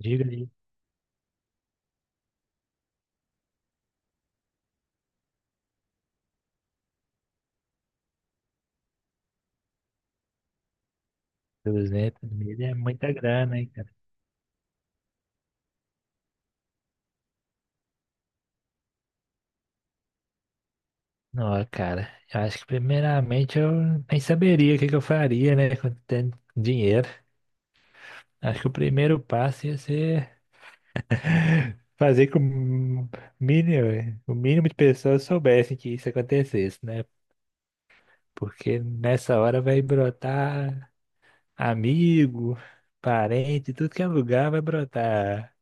Diga ali, 200 mil é muita grana, hein, cara? Não, cara, eu acho que primeiramente eu nem saberia o que que eu faria, né, com tanto dinheiro. Acho que o primeiro passo ia ser fazer com o mínimo de pessoas soubessem que isso acontecesse, né? Porque nessa hora vai brotar amigo, parente, tudo que é lugar vai brotar.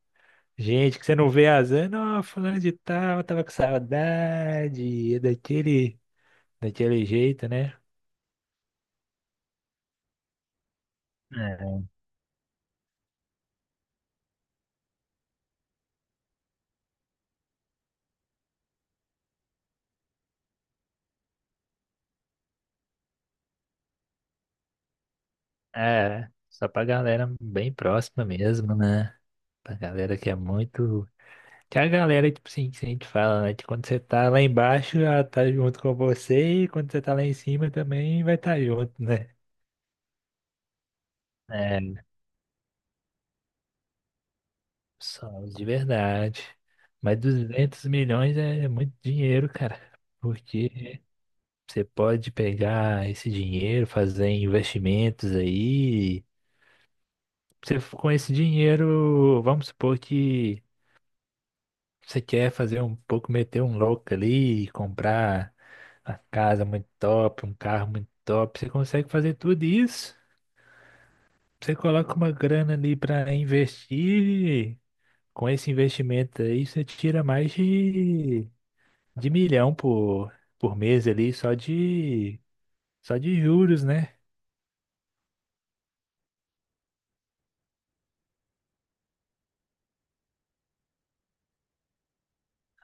Gente que você não vê há anos, fulano de tal, tava com saudade é daquele jeito, né? É, é, só pra galera bem próxima mesmo, né? Pra galera que é muito. Que é a galera, tipo assim, que a gente fala, né? Que quando você tá lá embaixo, ela tá junto com você, e quando você tá lá em cima também vai estar tá junto, né? É, só os de verdade. Mas 200 milhões é muito dinheiro, cara. Porque você pode pegar esse dinheiro, fazer investimentos aí. Você, com esse dinheiro, vamos supor que você quer fazer um pouco, meter um louco ali, comprar uma casa muito top, um carro muito top, você consegue fazer tudo isso. Você coloca uma grana ali para investir, e com esse investimento aí você tira mais de milhão por mês ali, só de juros, né?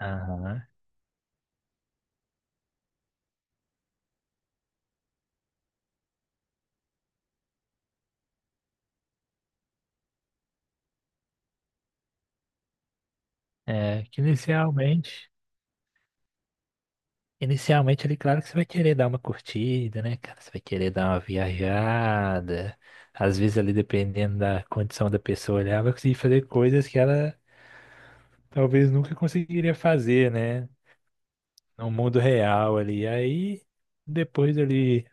Aham. É, que inicialmente. Inicialmente, ele, claro que você vai querer dar uma curtida, né, cara? Você vai querer dar uma viajada. Às vezes, ali, dependendo da condição da pessoa, ela vai conseguir fazer coisas que ela talvez nunca conseguiria fazer, né? No mundo real ali. Aí, depois ali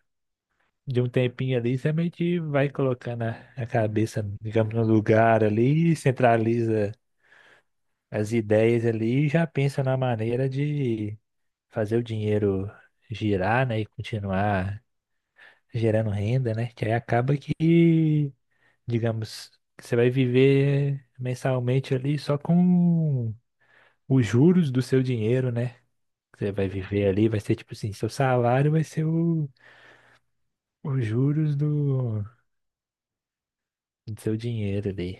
de um tempinho ali, você meio que vai colocando a cabeça, digamos, no lugar ali, centraliza as ideias ali e já pensa na maneira de fazer o dinheiro girar, né? E continuar gerando renda, né? Que aí acaba que, digamos, você vai viver mensalmente ali só com os juros do seu dinheiro, né? Você vai viver ali, vai ser tipo assim, seu salário vai ser o, os juros do seu dinheiro ali.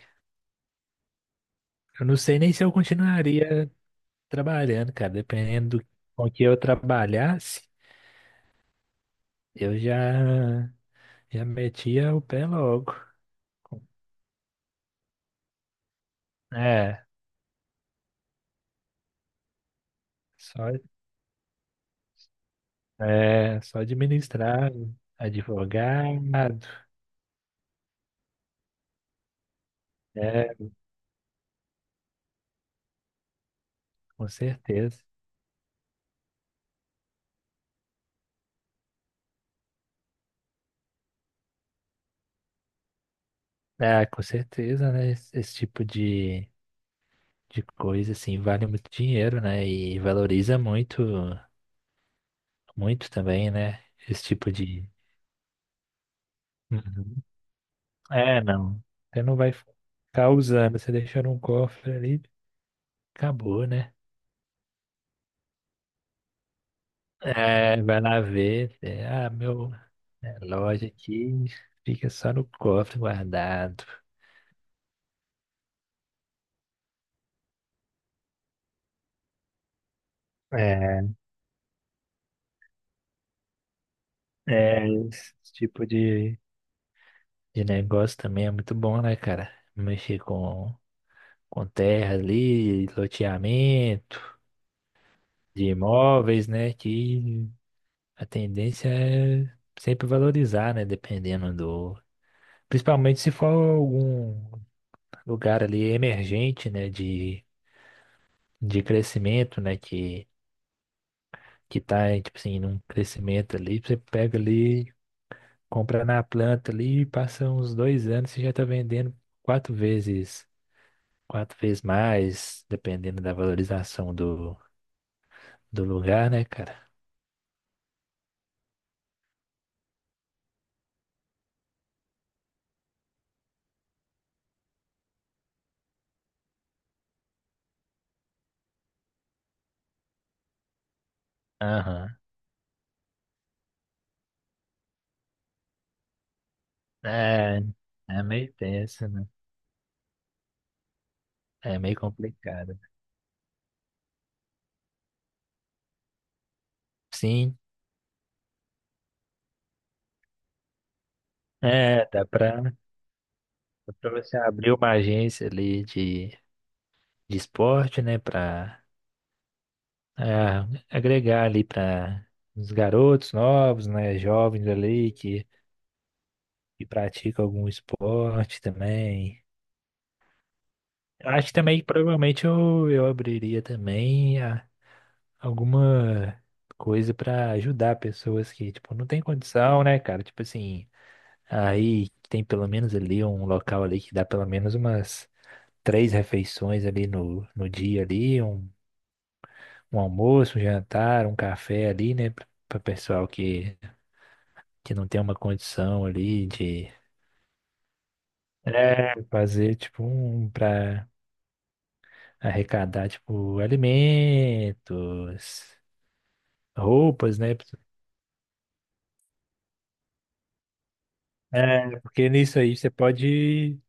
Eu não sei nem se eu continuaria trabalhando, cara. Dependendo do com que eu trabalhasse, eu já metia o pé logo. É, só. É, só administrado, advogado, é, com certeza. É, com certeza, né? Esse tipo de coisa, assim, vale muito dinheiro, né? E valoriza muito, muito também, né? Esse tipo de... Uhum. É, não. Você não vai ficar usando, você deixa num cofre ali, acabou, né? É, vai lá ver, é, ah, meu, é, loja aqui fica só no cofre guardado. É. É, esse tipo de negócio também é muito bom, né, cara? Mexer com terra ali, loteamento de imóveis, né? Que a tendência é sempre valorizar, né? Dependendo do. Principalmente se for algum lugar ali emergente, né? De crescimento, né? Que tá, tipo assim, num crescimento ali, você pega ali, compra na planta ali, passa uns 2 anos, você já tá vendendo quatro vezes Quatro vezes mais, dependendo da valorização do lugar, né, cara? Aham. É, é meio tenso, né? É meio complicado. Sim, é, dá pra você abrir uma agência ali de esporte, né, pra ah, agregar ali pra os garotos novos, né, jovens ali que praticam algum esporte também. Eu acho que também, provavelmente, eu abriria também alguma coisa pra ajudar pessoas que, tipo, não tem condição, né, cara? Tipo assim, aí tem pelo menos ali um local ali que dá pelo menos umas 3 refeições ali no dia ali, um almoço, um jantar, um café ali, né, pra pessoal que não tem uma condição ali de fazer, tipo, um pra arrecadar, tipo, alimentos, roupas, né? É, porque nisso aí você pode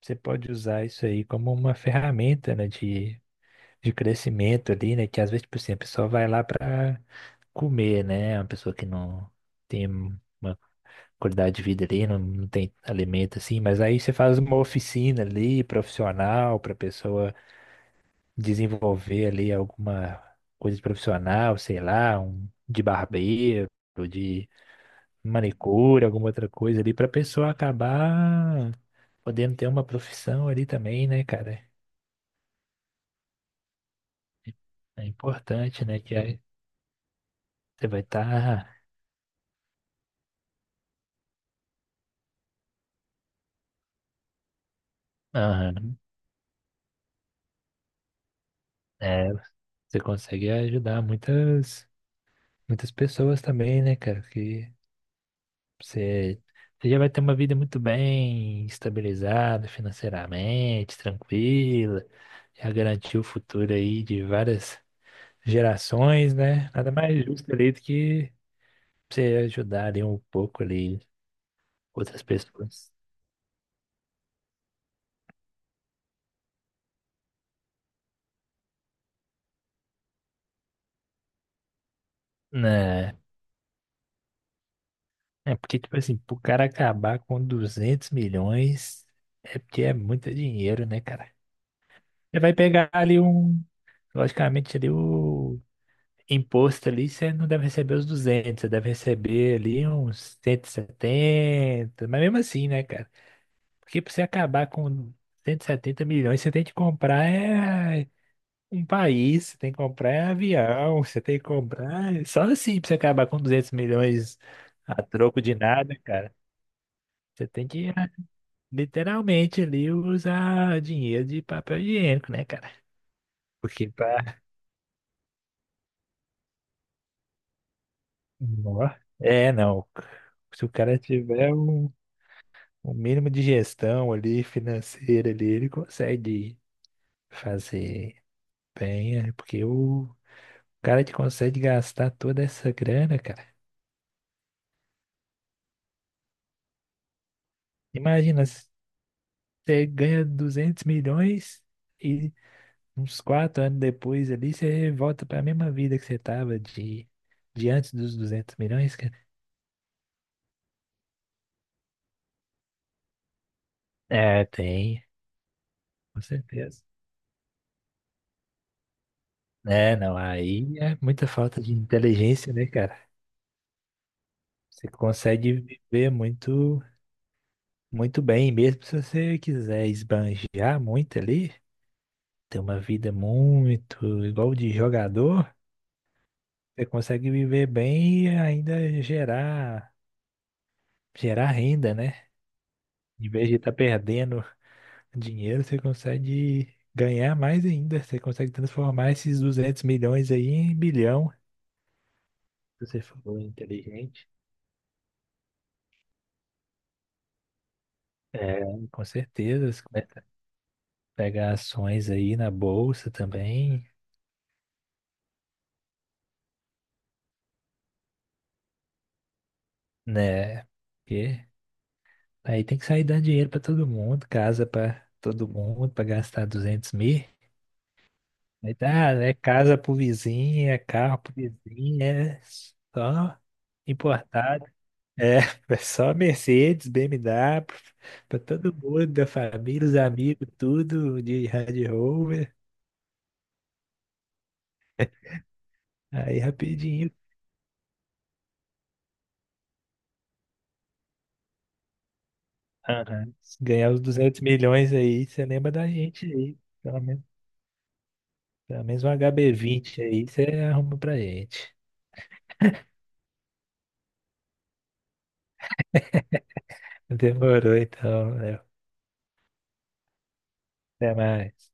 você pode usar isso aí como uma ferramenta, né, de crescimento ali, né, que às vezes, tipo assim, a pessoa vai lá para comer, né, uma pessoa que não tem uma qualidade de vida ali, não, não tem alimento assim, mas aí você faz uma oficina ali, profissional, para pessoa desenvolver ali alguma coisa de profissional, sei lá, um de barbeiro, de manicure, alguma outra coisa ali, para pessoa acabar podendo ter uma profissão ali também, né, cara? É importante, né? Que aí você vai estar. É, você consegue ajudar muitas, muitas pessoas também, né, cara? Que você, você já vai ter uma vida muito bem estabilizada financeiramente, tranquila, já garantiu o futuro aí de várias gerações, né? Nada mais justo ali do que você ajudar ali um pouco ali outras pessoas, né? É porque, tipo assim, pro cara acabar com 200 milhões, é porque é muito dinheiro, né, cara? Você vai pegar ali um, logicamente, ali o imposto ali, você não deve receber os duzentos, você deve receber ali uns 170, mas mesmo assim, né, cara? Porque pra você acabar com 170 milhões, você tem que comprar um país, você tem que comprar avião, você tem que comprar... Só assim pra você acabar com 200 milhões a troco de nada, cara. Você tem que literalmente ali usa dinheiro de papel higiênico, né, cara? Porque pra. Nó. É, não. Se o cara tiver um mínimo de gestão ali, financeira ali, ele consegue fazer bem, né? Porque o cara que consegue gastar toda essa grana, cara. Imagina, você ganha 200 milhões e uns 4 anos depois ali, você volta pra mesma vida que você tava de antes dos 200 milhões, cara. É, tem. Com certeza. É, não, aí é muita falta de inteligência, né, cara? Você consegue viver muito, muito bem, mesmo se você quiser esbanjar muito ali, ter uma vida muito igual de jogador, você consegue viver bem e ainda gerar renda, né? Em vez de estar perdendo dinheiro, você consegue ganhar mais ainda. Você consegue transformar esses 200 milhões aí em bilhão, se você for inteligente. É, com certeza. Você começa a pegar ações aí na bolsa também, né? Porque aí tem que sair dando dinheiro pra todo mundo, casa pra todo mundo, pra gastar 200 mil. Aí tá, é casa pro vizinho, é carro pro vizinho, é só importado. É, é só Mercedes, BMW, pra todo mundo, da família, os amigos, tudo de Range Rover. Aí rapidinho. Aham. Se ganhar os 200 milhões aí, você lembra da gente aí. Pelo menos, pelo menos um HB20 aí, você arruma pra gente. Demorou então, Léo. Até mais.